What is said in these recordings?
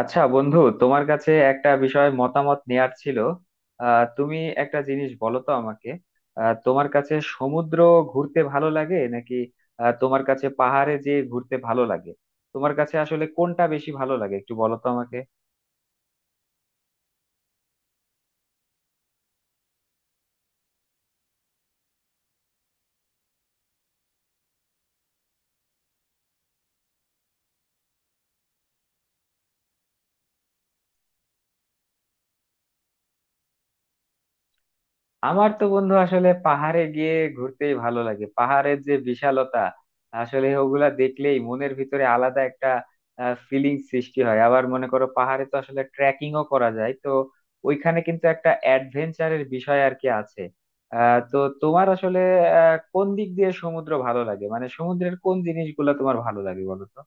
আচ্ছা বন্ধু, তোমার কাছে একটা বিষয় মতামত নেয়ার ছিল। তুমি একটা জিনিস বলো তো আমাকে। তোমার কাছে সমুদ্র ঘুরতে ভালো লাগে নাকি তোমার কাছে পাহাড়ে যেয়ে ঘুরতে ভালো লাগে? তোমার কাছে আসলে কোনটা বেশি ভালো লাগে একটু বলো তো আমাকে। আমার তো বন্ধু আসলে পাহাড়ে গিয়ে ঘুরতেই ভালো লাগে। পাহাড়ের যে বিশালতা, আসলে ওগুলা দেখলেই মনের ভিতরে আলাদা একটা ফিলিং সৃষ্টি হয়। আবার মনে করো পাহাড়ে তো আসলে ট্রেকিংও করা যায় তো, ওইখানে কিন্তু একটা অ্যাডভেঞ্চারের বিষয় আর কি আছে। তো তোমার আসলে কোন দিক দিয়ে সমুদ্র ভালো লাগে, মানে সমুদ্রের কোন জিনিসগুলো তোমার ভালো লাগে বলো তো।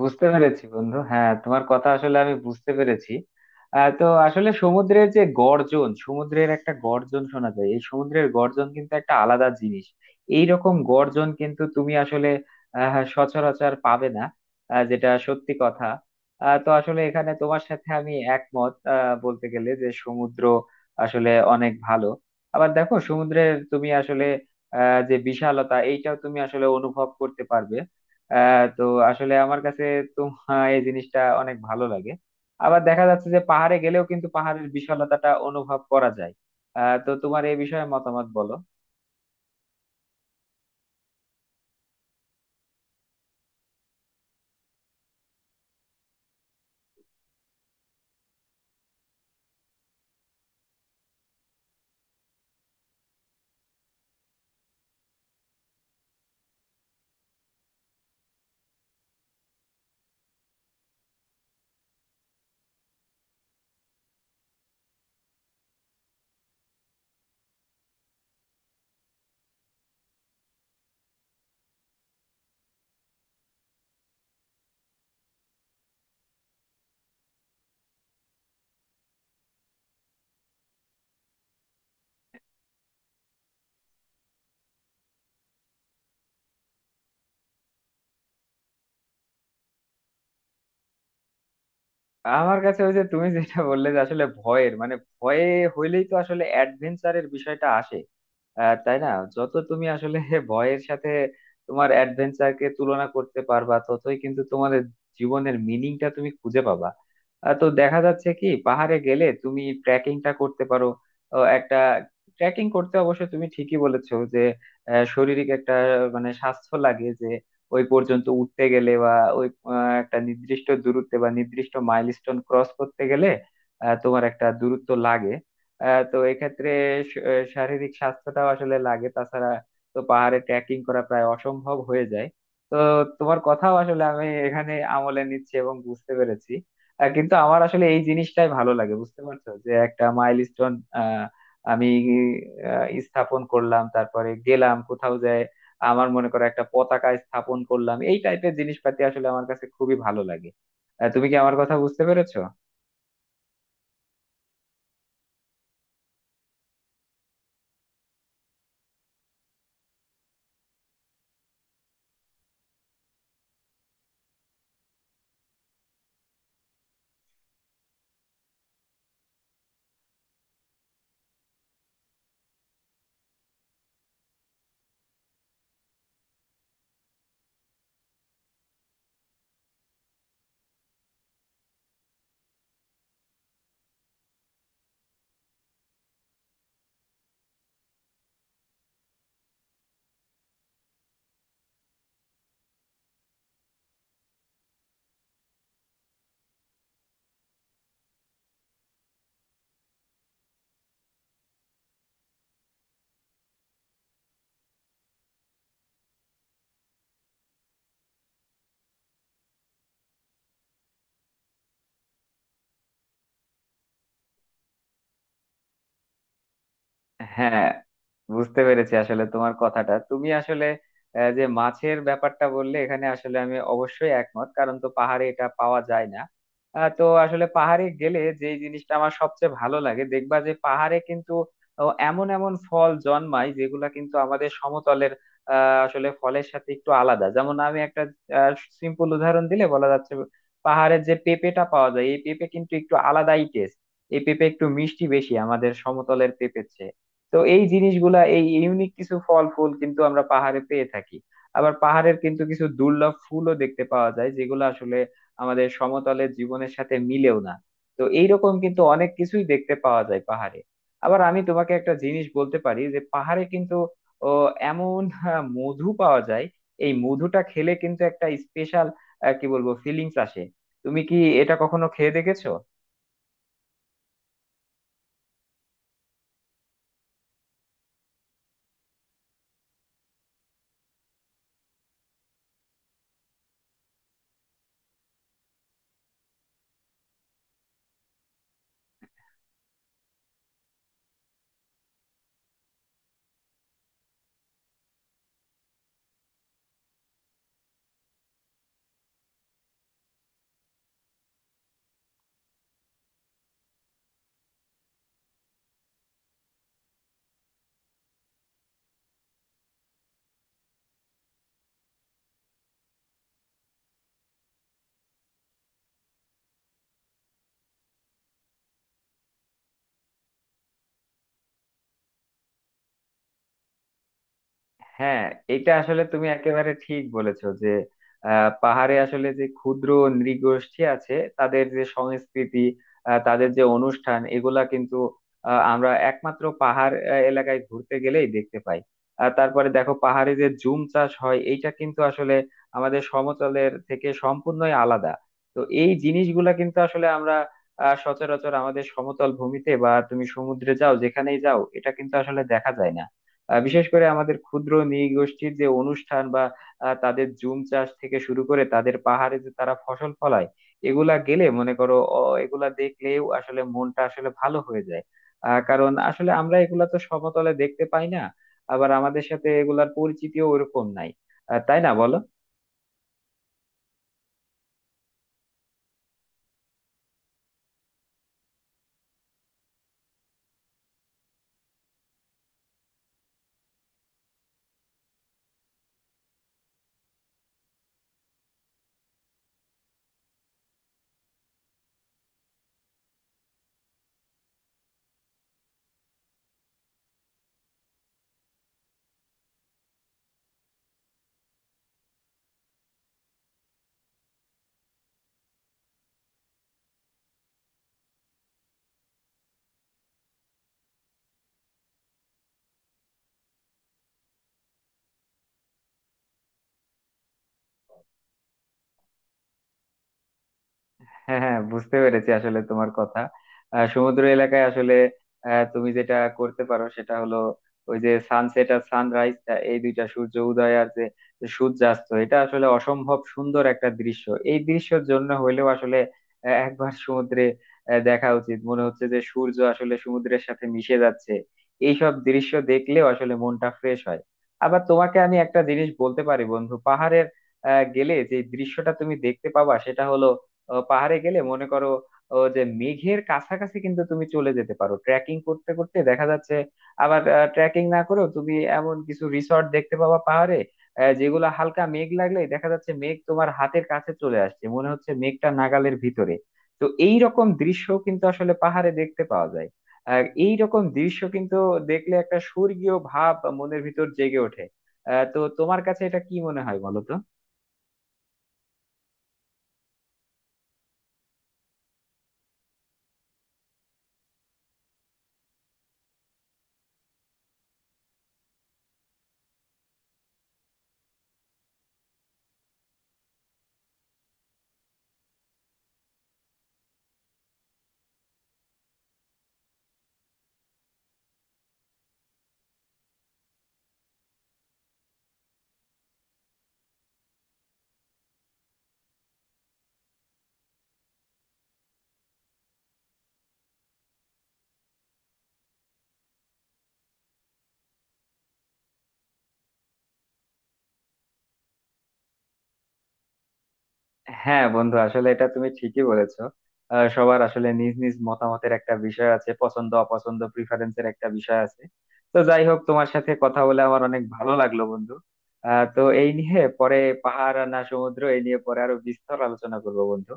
বুঝতে পেরেছি বন্ধু, হ্যাঁ তোমার কথা আসলে আমি বুঝতে পেরেছি। তো আসলে সমুদ্রের যে গর্জন, সমুদ্রের একটা গর্জন শোনা যায়, এই সমুদ্রের গর্জন কিন্তু একটা আলাদা জিনিস। এই রকম গর্জন কিন্তু তুমি আসলে সচরাচর পাবে না, যেটা সত্যি কথা। তো আসলে এখানে তোমার সাথে আমি একমত, বলতে গেলে যে সমুদ্র আসলে অনেক ভালো। আবার দেখো সমুদ্রের তুমি আসলে যে বিশালতা, এইটাও তুমি আসলে অনুভব করতে পারবে। তো আসলে আমার কাছে তোমার এই জিনিসটা অনেক ভালো লাগে। আবার দেখা যাচ্ছে যে পাহাড়ে গেলেও কিন্তু পাহাড়ের বিশালতাটা অনুভব করা যায়। তো তোমার এই বিষয়ে মতামত বলো। আমার কাছে ওই যে তুমি যেটা বললে যে আসলে ভয়ের মানে ভয়ে হইলেই তো আসলে অ্যাডভেঞ্চারের বিষয়টা আসে, তাই না? যত তুমি আসলে ভয়ের সাথে তোমার অ্যাডভেঞ্চারকে তুলনা করতে পারবা ততই কিন্তু তোমাদের জীবনের মিনিংটা তুমি খুঁজে পাবা। তো দেখা যাচ্ছে কি পাহাড়ে গেলে তুমি ট্রেকিংটা করতে পারো। ও একটা ট্রেকিং করতে অবশ্য তুমি ঠিকই বলেছো যে শারীরিক একটা মানে স্বাস্থ্য লাগে, যে ওই পর্যন্ত উঠতে গেলে বা ওই একটা নির্দিষ্ট দূরত্বে বা নির্দিষ্ট মাইলস্টোন ক্রস করতে গেলে তোমার একটা দূরত্ব লাগে। তো এক্ষেত্রে শারীরিক স্বাস্থ্যটাও আসলে লাগে, তাছাড়া তো পাহাড়ে ট্রেকিং করা প্রায় অসম্ভব হয়ে যায়। তো তোমার কথাও আসলে আমি এখানে আমলে নিচ্ছি এবং বুঝতে পেরেছি। কিন্তু আমার আসলে এই জিনিসটাই ভালো লাগে, বুঝতে পারছো, যে একটা মাইলস্টোন আহ আমি স্থাপন করলাম, তারপরে গেলাম কোথাও যায়, আমার মনে করো একটা পতাকা স্থাপন করলাম, এই টাইপের জিনিসপাতি আসলে আমার কাছে খুবই ভালো লাগে। তুমি কি আমার কথা বুঝতে পেরেছো? হ্যাঁ, বুঝতে পেরেছি আসলে তোমার কথাটা। তুমি আসলে যে মাছের ব্যাপারটা বললে, এখানে আসলে আমি অবশ্যই একমত, কারণ তো পাহাড়ে এটা পাওয়া যায় না। তো আসলে পাহাড়ে গেলে যে জিনিসটা আমার সবচেয়ে ভালো লাগে, দেখবা যে পাহাড়ে কিন্তু ও, এমন এমন ফল জন্মায় যেগুলা কিন্তু আমাদের সমতলের আসলে ফলের সাথে একটু আলাদা। যেমন আমি একটা সিম্পল উদাহরণ দিলে বলা যাচ্ছে, পাহাড়ের যে পেঁপেটা পাওয়া যায় এই পেঁপে কিন্তু একটু আলাদাই টেস্ট। এই পেঁপে একটু মিষ্টি বেশি আমাদের সমতলের পেঁপের চেয়ে। তো এই জিনিসগুলা, এই ইউনিক কিছু ফল ফুল কিন্তু আমরা পাহাড়ে পেয়ে থাকি। আবার পাহাড়ের কিন্তু কিছু দুর্লভ ফুলও দেখতে পাওয়া যায়, যেগুলো আসলে আমাদের সমতলের জীবনের সাথে মিলেও না। তো এইরকম কিন্তু অনেক কিছুই দেখতে পাওয়া যায় পাহাড়ে। আবার আমি তোমাকে একটা জিনিস বলতে পারি যে পাহাড়ে কিন্তু ও, এমন মধু পাওয়া যায়। এই মধুটা খেলে কিন্তু একটা স্পেশাল, কি বলবো, ফিলিংস আসে। তুমি কি এটা কখনো খেয়ে দেখেছো? হ্যাঁ, এটা আসলে তুমি একেবারে ঠিক বলেছো যে পাহাড়ে আসলে যে ক্ষুদ্র নৃগোষ্ঠী আছে তাদের যে সংস্কৃতি, তাদের যে অনুষ্ঠান, এগুলা কিন্তু আমরা একমাত্র পাহাড় এলাকায় ঘুরতে গেলেই দেখতে পাই। আর তারপরে দেখো পাহাড়ে যে জুম চাষ হয় এইটা কিন্তু আসলে আমাদের সমতলের থেকে সম্পূর্ণই আলাদা। তো এই জিনিসগুলা কিন্তু আসলে আমরা সচরাচর আমাদের সমতল ভূমিতে বা তুমি সমুদ্রে যাও, যেখানেই যাও এটা কিন্তু আসলে দেখা যায় না। বিশেষ করে আমাদের ক্ষুদ্র নৃগোষ্ঠীর যে অনুষ্ঠান বা তাদের জুম চাষ থেকে শুরু করে তাদের পাহাড়ে যে তারা ফসল ফলায়, এগুলা গেলে মনে করো অ, এগুলা দেখলেও আসলে মনটা আসলে ভালো হয়ে যায়। কারণ আসলে আমরা এগুলা তো সমতলে দেখতে পাই না, আবার আমাদের সাথে এগুলার পরিচিতিও ওরকম নাই, তাই না বলো। হ্যাঁ হ্যাঁ, বুঝতে পেরেছি আসলে তোমার কথা। সমুদ্র এলাকায় আসলে তুমি যেটা করতে পারো সেটা হলো ওই যে সানসেট আর সানরাইজ, এই দুইটা সূর্য উদয় আর যে সূর্যাস্ত, এটা আসলে অসম্ভব সুন্দর একটা দৃশ্য। এই দৃশ্যের জন্য হইলেও আসলে একবার সমুদ্রে দেখা উচিত, মনে হচ্ছে যে সূর্য আসলে সমুদ্রের সাথে মিশে যাচ্ছে। এইসব দৃশ্য দেখলেও আসলে মনটা ফ্রেশ হয়। আবার তোমাকে আমি একটা জিনিস বলতে পারি বন্ধু, পাহাড়ের গেলে যে দৃশ্যটা তুমি দেখতে পাবা সেটা হলো পাহাড়ে গেলে মনে করো যে মেঘের কাছাকাছি কিন্তু তুমি চলে যেতে পারো ট্রেকিং করতে করতে, দেখা যাচ্ছে আবার ট্রেকিং না করেও তুমি এমন কিছু রিসর্ট দেখতে পাবা পাহাড়ে, যেগুলো হালকা মেঘ লাগলেই দেখা যাচ্ছে মেঘ তোমার হাতের কাছে চলে আসছে, মনে হচ্ছে মেঘটা নাগালের ভিতরে। তো এই রকম দৃশ্য কিন্তু আসলে পাহাড়ে দেখতে পাওয়া যায়, আর এই রকম দৃশ্য কিন্তু দেখলে একটা স্বর্গীয় ভাব মনের ভিতর জেগে ওঠে। তো তোমার কাছে এটা কি মনে হয় বলো তো। হ্যাঁ বন্ধু, আসলে এটা তুমি ঠিকই বলেছো। সবার আসলে নিজ নিজ মতামতের একটা বিষয় আছে, পছন্দ অপছন্দ প্রিফারেন্সের একটা বিষয় আছে। তো যাই হোক, তোমার সাথে কথা বলে আমার অনেক ভালো লাগলো বন্ধু। তো এই নিয়ে পরে, পাহাড় আর না সমুদ্র, এই নিয়ে পরে আরো বিস্তর আলোচনা করবো বন্ধু।